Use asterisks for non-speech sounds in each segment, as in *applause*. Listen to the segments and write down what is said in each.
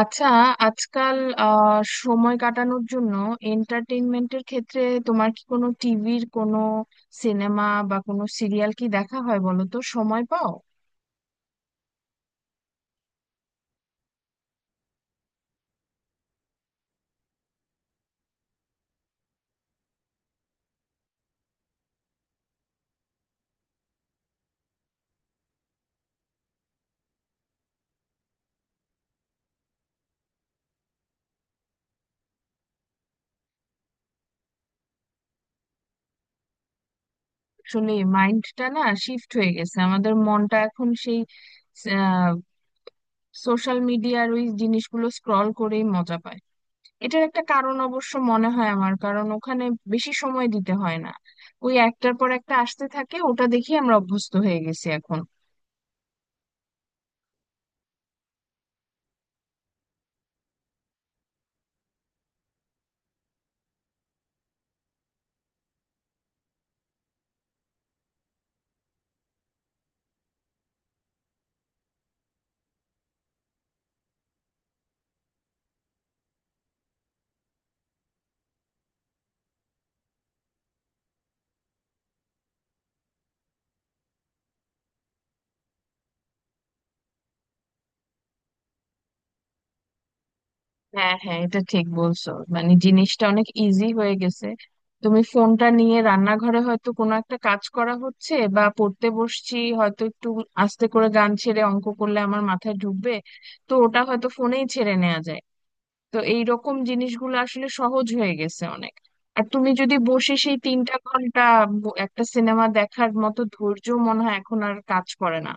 আচ্ছা, আজকাল আহ সময় কাটানোর জন্য এন্টারটেইনমেন্টের ক্ষেত্রে তোমার কি কোনো টিভির কোনো সিনেমা বা কোনো সিরিয়াল কি দেখা হয় বলো তো, সময় পাও? আসলে মাইন্ডটা না শিফট হয়ে গেছে, আমাদের মনটা এখন সেই সোশ্যাল মিডিয়ার ওই জিনিসগুলো স্ক্রল করেই মজা পায়। এটার একটা কারণ অবশ্য মনে হয় আমার, কারণ ওখানে বেশি সময় দিতে হয় না। ওই একটার পর একটা আসতে থাকে ওটা দেখি, আমরা অভ্যস্ত হয়ে গেছি এখন। হ্যাঁ হ্যাঁ, এটা ঠিক বলছো, মানে জিনিসটা অনেক ইজি হয়ে গেছে। তুমি ফোনটা নিয়ে রান্নাঘরে হয়তো কোনো একটা কাজ করা হচ্ছে বা পড়তে বসছি হয়তো, একটু আস্তে করে গান ছেড়ে অঙ্ক করলে আমার মাথায় ঢুকবে, তো ওটা হয়তো ফোনেই ছেড়ে নেওয়া যায়। তো এই রকম জিনিসগুলো আসলে সহজ হয়ে গেছে অনেক। আর তুমি যদি বসে সেই তিনটা ঘন্টা একটা সিনেমা দেখার মতো ধৈর্য, মনে হয় এখন আর কাজ করে না।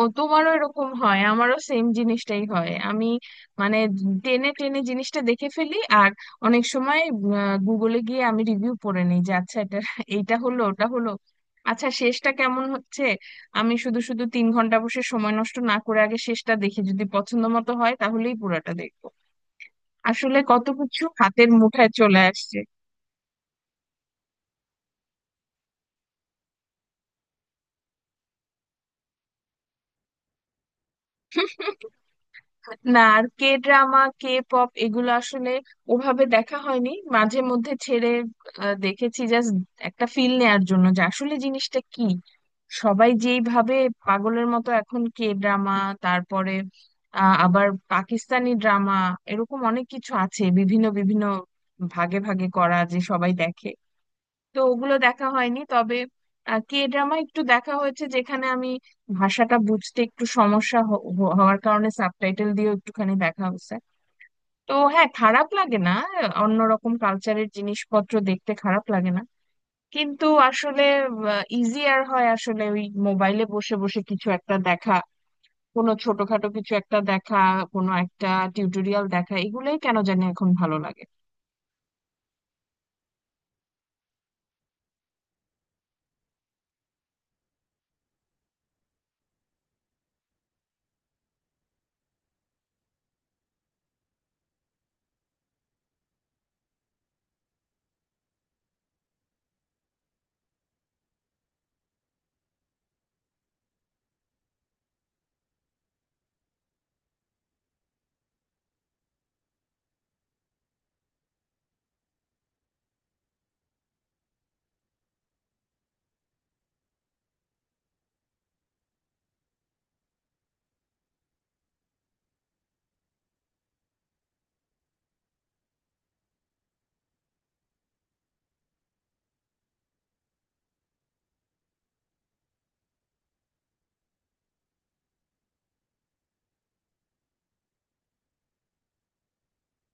ও, তোমারও এরকম হয়? আমারও সেম জিনিসটাই হয়, আমি মানে টেনে টেনে জিনিসটা দেখে ফেলি। আর অনেক সময় গুগলে গিয়ে আমি রিভিউ পড়ে নিই, যে আচ্ছা এটা এইটা হলো, ওটা হলো, আচ্ছা শেষটা কেমন হচ্ছে। আমি শুধু শুধু তিন ঘন্টা বসে সময় নষ্ট না করে আগে শেষটা দেখি, যদি পছন্দ মতো হয় তাহলেই পুরোটা দেখবো। আসলে কত কিছু হাতের মুঠায় চলে আসছে। না, আর কে ড্রামা, কে পপ, এগুলো আসলে ওভাবে দেখা হয়নি। মাঝে মধ্যে ছেড়ে দেখেছি জাস্ট একটা ফিল নেয়ার জন্য যে আসলে জিনিসটা কি, সবাই যেইভাবে পাগলের মতো এখন কে ড্রামা, তারপরে আবার পাকিস্তানি ড্রামা, এরকম অনেক কিছু আছে বিভিন্ন বিভিন্ন ভাগে ভাগে করা যে সবাই দেখে। তো ওগুলো দেখা হয়নি, তবে কে ড্রামা একটু দেখা হয়েছে, যেখানে আমি ভাষাটা বুঝতে একটু সমস্যা হওয়ার কারণে সাবটাইটেল দিয়ে একটুখানি দেখা হয়েছে। তো হ্যাঁ, খারাপ লাগে না, অন্যরকম কালচারের জিনিসপত্র দেখতে খারাপ লাগে না। কিন্তু আসলে ইজিয়ার হয় আসলে ওই মোবাইলে বসে বসে কিছু একটা দেখা, কোনো ছোটখাটো কিছু একটা দেখা, কোনো একটা টিউটোরিয়াল দেখা, এগুলোই কেন জানি এখন ভালো লাগে।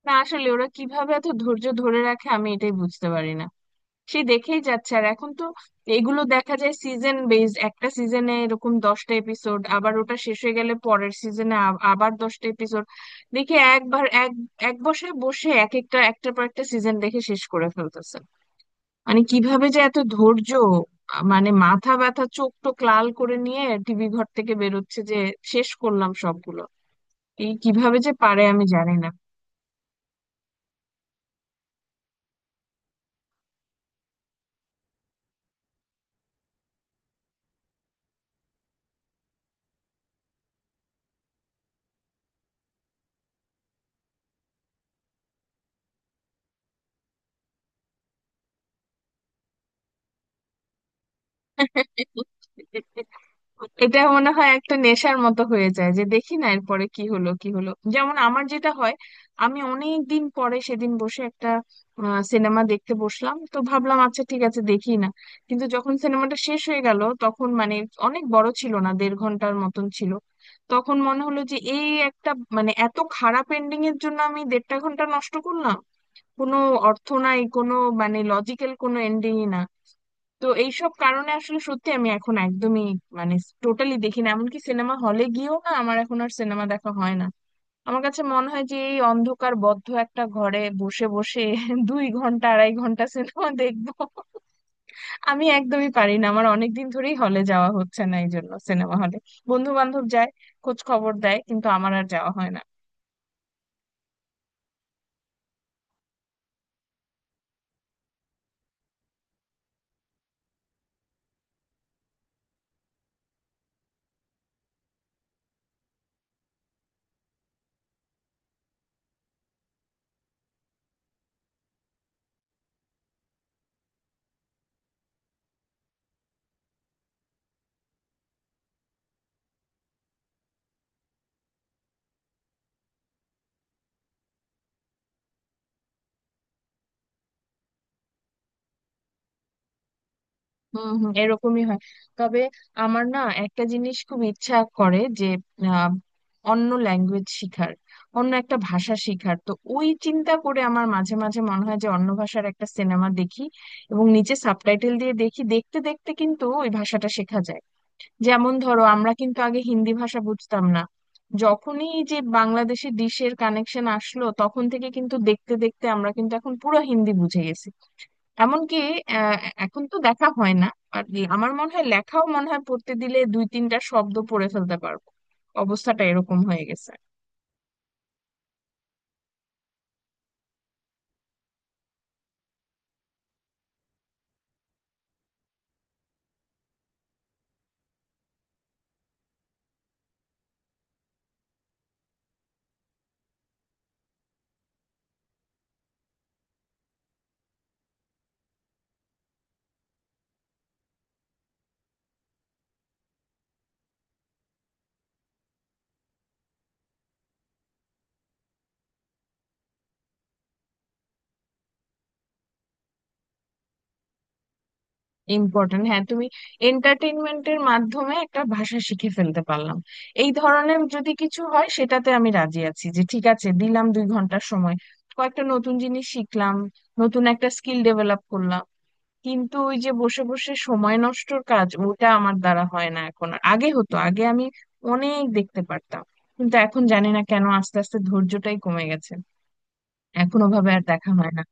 না আসলে ওরা কিভাবে এত ধৈর্য ধরে রাখে, আমি এটাই বুঝতে পারি না। সে দেখেই যাচ্ছে, আর এখন তো এগুলো দেখা যায় সিজন বেসড, একটা সিজনে এরকম দশটা এপিসোড, আবার ওটা শেষ হয়ে গেলে পরের সিজনে আবার দশটা এপিসোড, দেখে একবার এক এক বসে বসে এক একটা একটার পর একটা সিজন দেখে শেষ করে ফেলতেছে। মানে কিভাবে যে এত ধৈর্য, মানে মাথা ব্যথা চোখ টোক লাল করে নিয়ে টিভি ঘর থেকে বেরোচ্ছে যে শেষ করলাম সবগুলো। এই কিভাবে যে পারে আমি জানি না। এটা মনে হয় একটা নেশার মতো হয়ে যায় যে দেখি না এরপরে কি হলো কি হলো, যেমন আমার যেটা হয়, আমি অনেক দিন পরে সেদিন বসে একটা সিনেমা দেখতে বসলাম, তো ভাবলাম আচ্ছা ঠিক আছে দেখি না। কিন্তু যখন সিনেমাটা শেষ হয়ে গেল তখন মানে, অনেক বড় ছিল না, দেড় ঘন্টার মতন ছিল, তখন মনে হলো যে এই একটা মানে এত খারাপ এন্ডিং এর জন্য আমি দেড়টা ঘন্টা নষ্ট করলাম, কোনো অর্থ নাই, কোনো মানে লজিক্যাল কোনো এন্ডিংই না। তো এইসব কারণে আসলে সত্যি আমি এখন একদমই মানে টোটালি দেখি না, এমনকি সিনেমা হলে গিয়েও না, আমার এখন আর সিনেমা দেখা হয় না। আমার কাছে মনে হয় যে এই অন্ধকার বদ্ধ একটা ঘরে বসে বসে *laughs* দুই ঘন্টা আড়াই ঘন্টা সিনেমা দেখবো, আমি একদমই পারি না। আমার অনেকদিন ধরেই হলে যাওয়া হচ্ছে না, এই জন্য সিনেমা হলে বন্ধু বান্ধব যায়, খোঁজ খবর দেয়, কিন্তু আমার আর যাওয়া হয় না। হম হম, এরকমই হয়। তবে আমার না একটা জিনিস খুব ইচ্ছা করে যে আহ, অন্য ল্যাঙ্গুয়েজ শিখার, অন্য একটা ভাষা শিখার। তো ওই চিন্তা করে আমার মাঝে মাঝে মনে হয় যে অন্য ভাষার একটা সিনেমা দেখি এবং নিচে সাবটাইটেল দিয়ে দেখি, দেখতে দেখতে কিন্তু ওই ভাষাটা শেখা যায়। যেমন ধরো আমরা কিন্তু আগে হিন্দি ভাষা বুঝতাম না, যখনই এই যে বাংলাদেশি ডিশের কানেকশন আসলো তখন থেকে কিন্তু দেখতে দেখতে আমরা কিন্তু এখন পুরো হিন্দি বুঝে গেছি। এমনকি আহ, এখন তো দেখা হয় না আর কি, আমার মনে হয় লেখাও মনে হয় পড়তে দিলে দুই তিনটা শব্দ পড়ে ফেলতে পারবো, অবস্থাটা এরকম হয়ে গেছে। ইম্পর্টেন্ট, হ্যাঁ। তুমি এন্টারটেইনমেন্টের মাধ্যমে একটা ভাষা শিখে ফেলতে পারলাম, এই ধরনের যদি কিছু হয় সেটাতে আমি রাজি আছি যে ঠিক আছে দিলাম দুই ঘন্টার সময়, কয়েকটা নতুন জিনিস শিখলাম, নতুন একটা স্কিল ডেভেলপ করলাম। কিন্তু ওই যে বসে বসে সময় নষ্টর কাজ ওটা আমার দ্বারা হয় না এখন আর। আগে হতো, আগে আমি অনেক দেখতে পারতাম, কিন্তু এখন জানি না কেন আস্তে আস্তে ধৈর্যটাই কমে গেছে, এখন ওভাবে আর দেখা হয় না।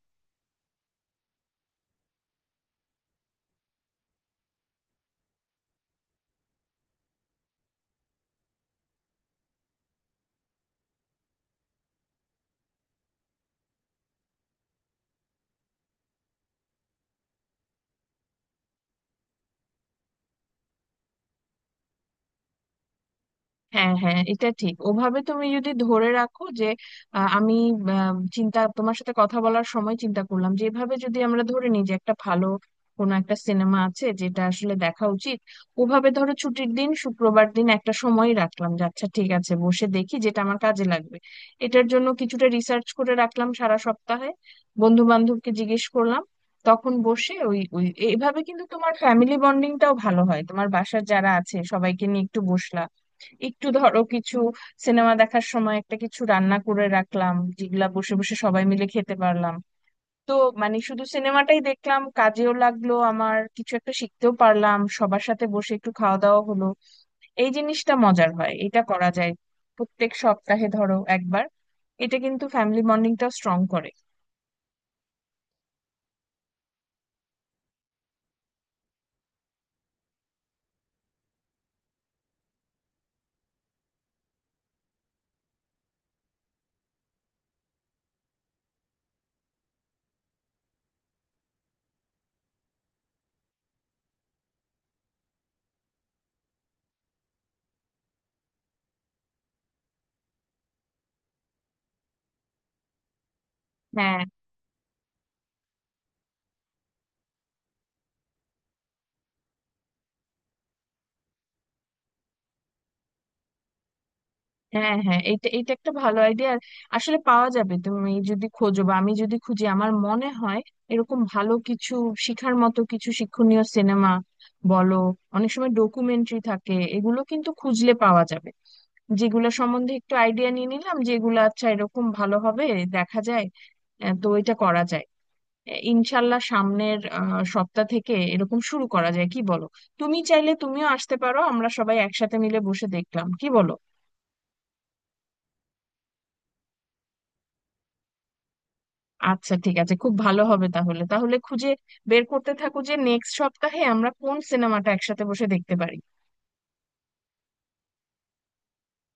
হ্যাঁ হ্যাঁ, এটা ঠিক ওভাবে তুমি যদি ধরে রাখো যে আমি চিন্তা, তোমার সাথে কথা বলার সময় চিন্তা করলাম যে এভাবে যদি আমরা ধরে নিই যে একটা ভালো কোনো একটা সিনেমা আছে যেটা আসলে দেখা উচিত, ওভাবে ধরো ছুটির দিন, শুক্রবার দিন একটা সময় রাখলাম যে আচ্ছা ঠিক আছে বসে দেখি যেটা আমার কাজে লাগবে, এটার জন্য কিছুটা রিসার্চ করে রাখলাম সারা সপ্তাহে, বন্ধু বান্ধবকে জিজ্ঞেস করলাম, তখন বসে ওই ওই এভাবে, কিন্তু তোমার ফ্যামিলি বন্ডিংটাও ভালো হয়, তোমার বাসার যারা আছে সবাইকে নিয়ে একটু বসলা, একটু ধরো কিছু সিনেমা দেখার সময় একটা কিছু রান্না করে রাখলাম যেগুলা বসে বসে সবাই মিলে খেতে পারলাম, তো মানে শুধু সিনেমাটাই দেখলাম, কাজেও লাগলো আমার, কিছু একটা শিখতেও পারলাম, সবার সাথে বসে একটু খাওয়া দাওয়া হলো, এই জিনিসটা মজার হয়, এটা করা যায় প্রত্যেক সপ্তাহে ধরো একবার, এটা কিন্তু ফ্যামিলি বন্ডিংটাও স্ট্রং করে। হ্যাঁ হ্যাঁ হ্যাঁ, এটা এটা একটা ভালো আইডিয়া, আসলে পাওয়া যাবে তুমি যদি খোঁজো বা আমি যদি খুঁজি, আমার মনে হয় এরকম ভালো কিছু শিখার মতো কিছু শিক্ষণীয় সিনেমা বলো, অনেক সময় ডকুমেন্টারি থাকে, এগুলো কিন্তু খুঁজলে পাওয়া যাবে, যেগুলো সম্বন্ধে একটু আইডিয়া নিয়ে নিলাম যেগুলো আচ্ছা এরকম ভালো হবে দেখা যায়। তো এটা করা যায়, ইনশাল্লাহ সামনের সপ্তাহ থেকে এরকম শুরু করা যায় কি বলো, তুমি চাইলে তুমিও আসতে পারো, আমরা সবাই একসাথে মিলে বসে দেখলাম, কি বলো? আচ্ছা ঠিক আছে, খুব ভালো হবে তাহলে তাহলে খুঁজে বের করতে থাকো যে নেক্সট সপ্তাহে আমরা কোন সিনেমাটা একসাথে বসে দেখতে পারি।